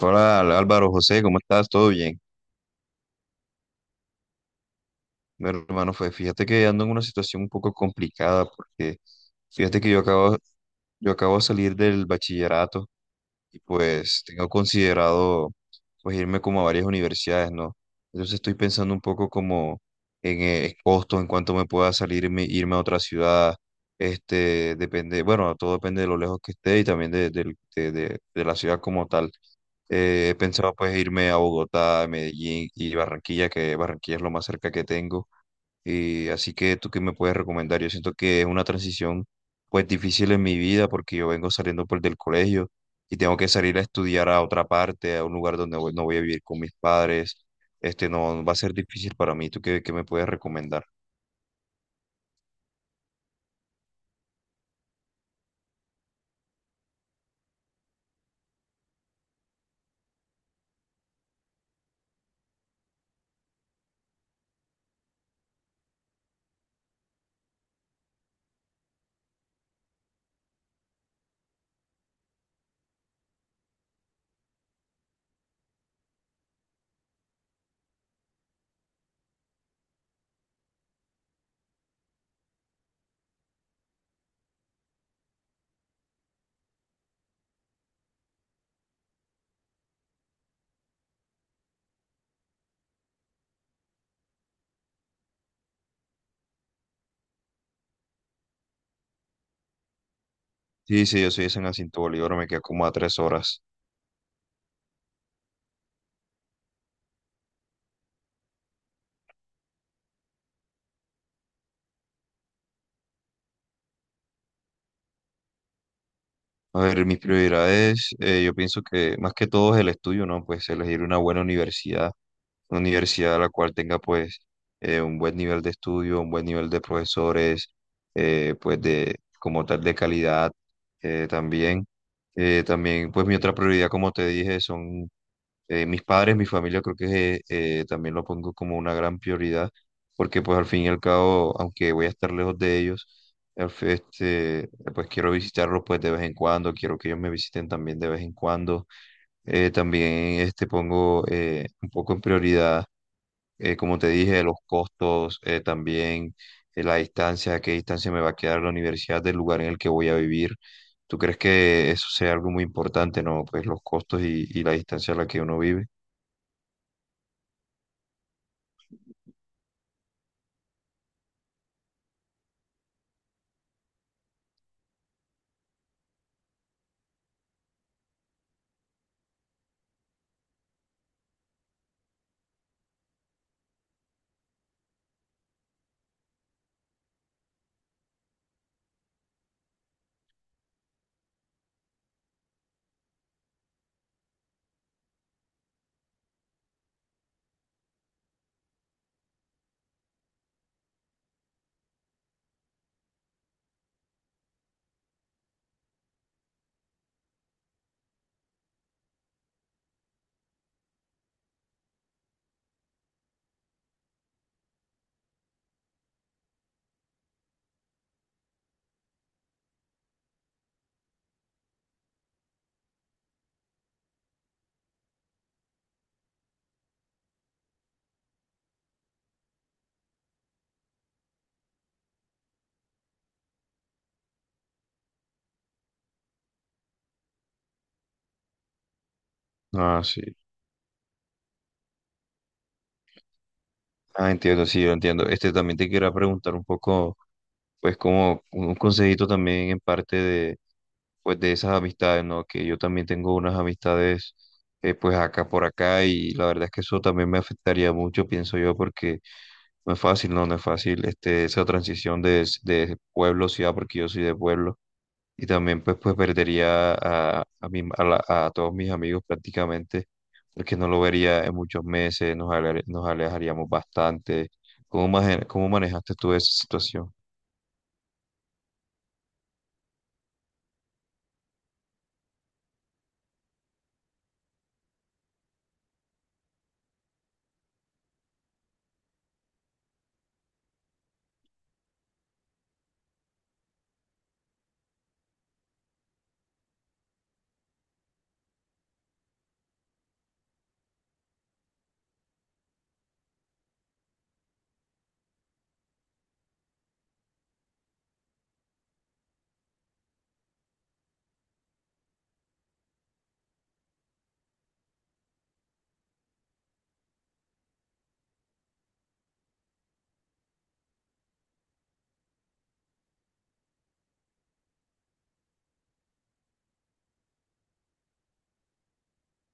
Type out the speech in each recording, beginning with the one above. Hola Álvaro José, ¿cómo estás? ¿Todo bien? Mi hermano, fue, fíjate que ando en una situación un poco complicada porque fíjate que yo acabo de salir del bachillerato y pues tengo considerado pues irme como a varias universidades, ¿no? Entonces estoy pensando un poco como en costos, en cuánto me pueda salirme, irme a otra ciudad, este, depende, bueno, todo depende de lo lejos que esté y también de, del- de la ciudad como tal. He pensado pues irme a Bogotá, Medellín y Barranquilla, que Barranquilla es lo más cerca que tengo. ¿Y así que tú qué me puedes recomendar? Yo siento que es una transición pues difícil en mi vida porque yo vengo saliendo pues del colegio y tengo que salir a estudiar a otra parte, a un lugar donde no voy a vivir con mis padres. Este no va a ser difícil para mí. ¿Tú qué me puedes recomendar? Sí, sí, yo soy de San Jacinto Bolívar, me queda como a 3 horas. A ver, mis prioridades, yo pienso que más que todo es el estudio, ¿no? Pues elegir una buena universidad, una universidad a la cual tenga pues un buen nivel de estudio, un buen nivel de profesores, pues de como tal de calidad también. También pues mi otra prioridad, como te dije, son mis padres, mi familia, creo que también lo pongo como una gran prioridad, porque pues al fin y al cabo, aunque voy a estar lejos de ellos, este, pues quiero visitarlos pues de vez en cuando, quiero que ellos me visiten también de vez en cuando. También este, pongo un poco en prioridad, como te dije, los costos, también la distancia, qué distancia me va a quedar la universidad del lugar en el que voy a vivir. ¿Tú crees que eso sea algo muy importante, no? Pues los costos y la distancia a la que uno vive. Ah, sí. Ah, entiendo, sí, yo entiendo. Este también te quería preguntar un poco, pues como un consejito también en parte de, pues de esas amistades, ¿no? Que yo también tengo unas amistades, pues acá por acá y la verdad es que eso también me afectaría mucho, pienso yo, porque no es fácil, no, no es fácil, este, esa transición de pueblo a ciudad, porque yo soy de pueblo. Y también pues, pues perdería a, mi- a la- a todos mis amigos prácticamente es que no lo vería en muchos meses, nos alejaríamos bastante. ¿Cómo, cómo manejaste tú esa situación?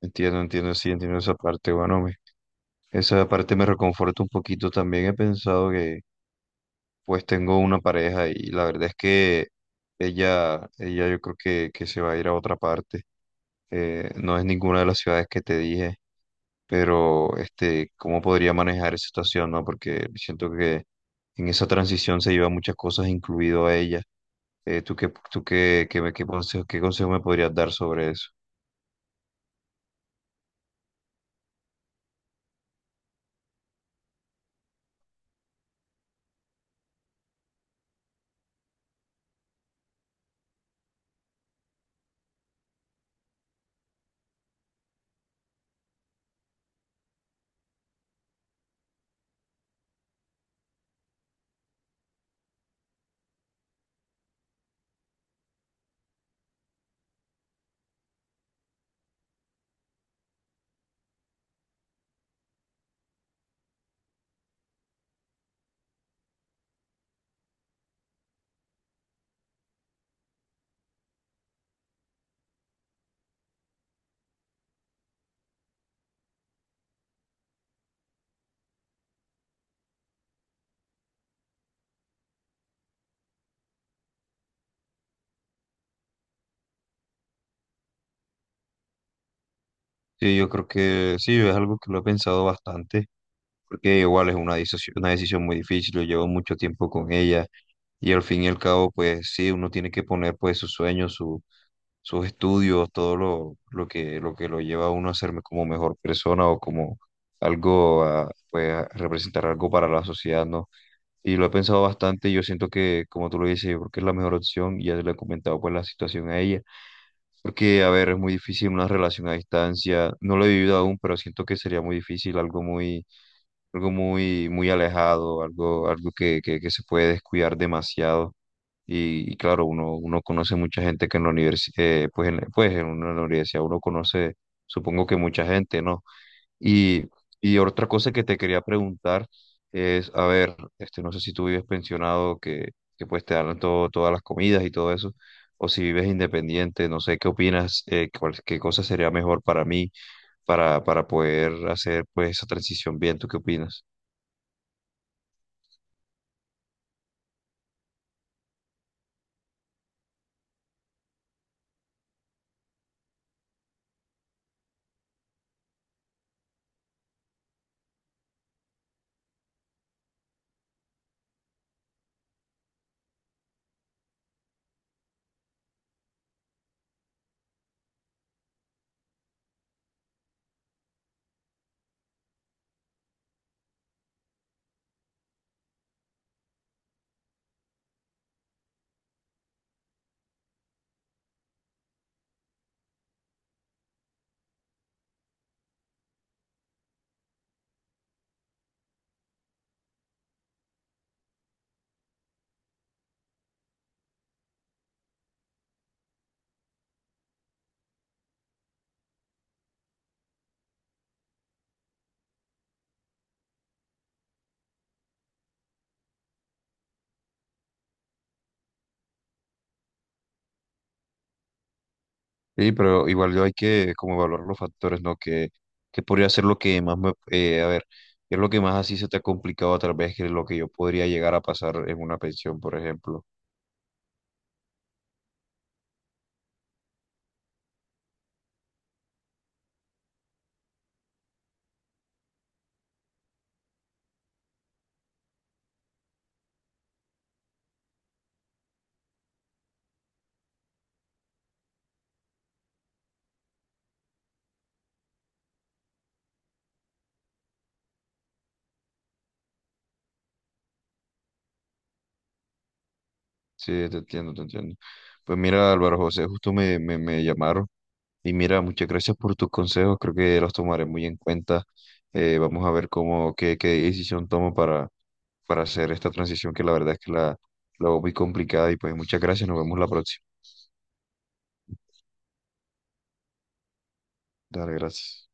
Entiendo, entiendo, sí, entiendo esa parte. Bueno, esa parte me reconforta un poquito. También he pensado. Pues tengo una pareja y la verdad es que ella yo creo que se va a ir a otra parte. No es ninguna de las ciudades que te dije, pero este, ¿cómo podría manejar esa situación, no? Porque siento que en esa transición se lleva muchas cosas, incluido a ella. Tú qué, qué, me- qué consejo me podrías dar sobre eso? Sí, yo creo que sí, es algo que lo he pensado bastante, porque igual es una decisión muy difícil, yo llevo mucho tiempo con ella y al fin y al cabo, pues sí, uno tiene que poner pues sus sueños, su, sus estudios, todo lo que lo lleva a uno a ser como mejor persona o como algo, a, pues a representar algo para la sociedad, ¿no? Y lo he pensado bastante, y yo siento que, como tú lo dices, yo creo que es la mejor opción, y ya le he comentado pues la situación a ella, porque, a ver, es muy difícil una relación a distancia, no lo he vivido aún, pero siento que sería muy difícil, algo muy, muy alejado, algo, algo que se puede descuidar demasiado. Y claro, uno conoce mucha gente que en la universidad, pues en una universidad uno conoce, supongo que mucha gente, ¿no? Y, y otra cosa que te quería preguntar es, a ver, este, no sé si tú vives pensionado, que pues te dan todo, todas las comidas y todo eso, o si vives independiente, no sé qué opinas, qué cosa sería mejor para mí para poder hacer pues esa transición bien, ¿tú qué opinas? Sí, pero igual yo hay que como evaluar los factores, ¿no? Que podría ser lo que más me, a ver, ¿qué es lo que más así se te ha complicado a través que lo que yo podría llegar a pasar en una pensión, por ejemplo? Sí, te entiendo, te entiendo. Pues mira, Álvaro José, justo me llamaron y mira, muchas gracias por tus consejos, creo que los tomaré muy en cuenta. Vamos a ver cómo, qué decisión tomo para hacer esta transición que la verdad es que la veo muy complicada y pues muchas gracias, nos vemos la próxima. Dale, gracias.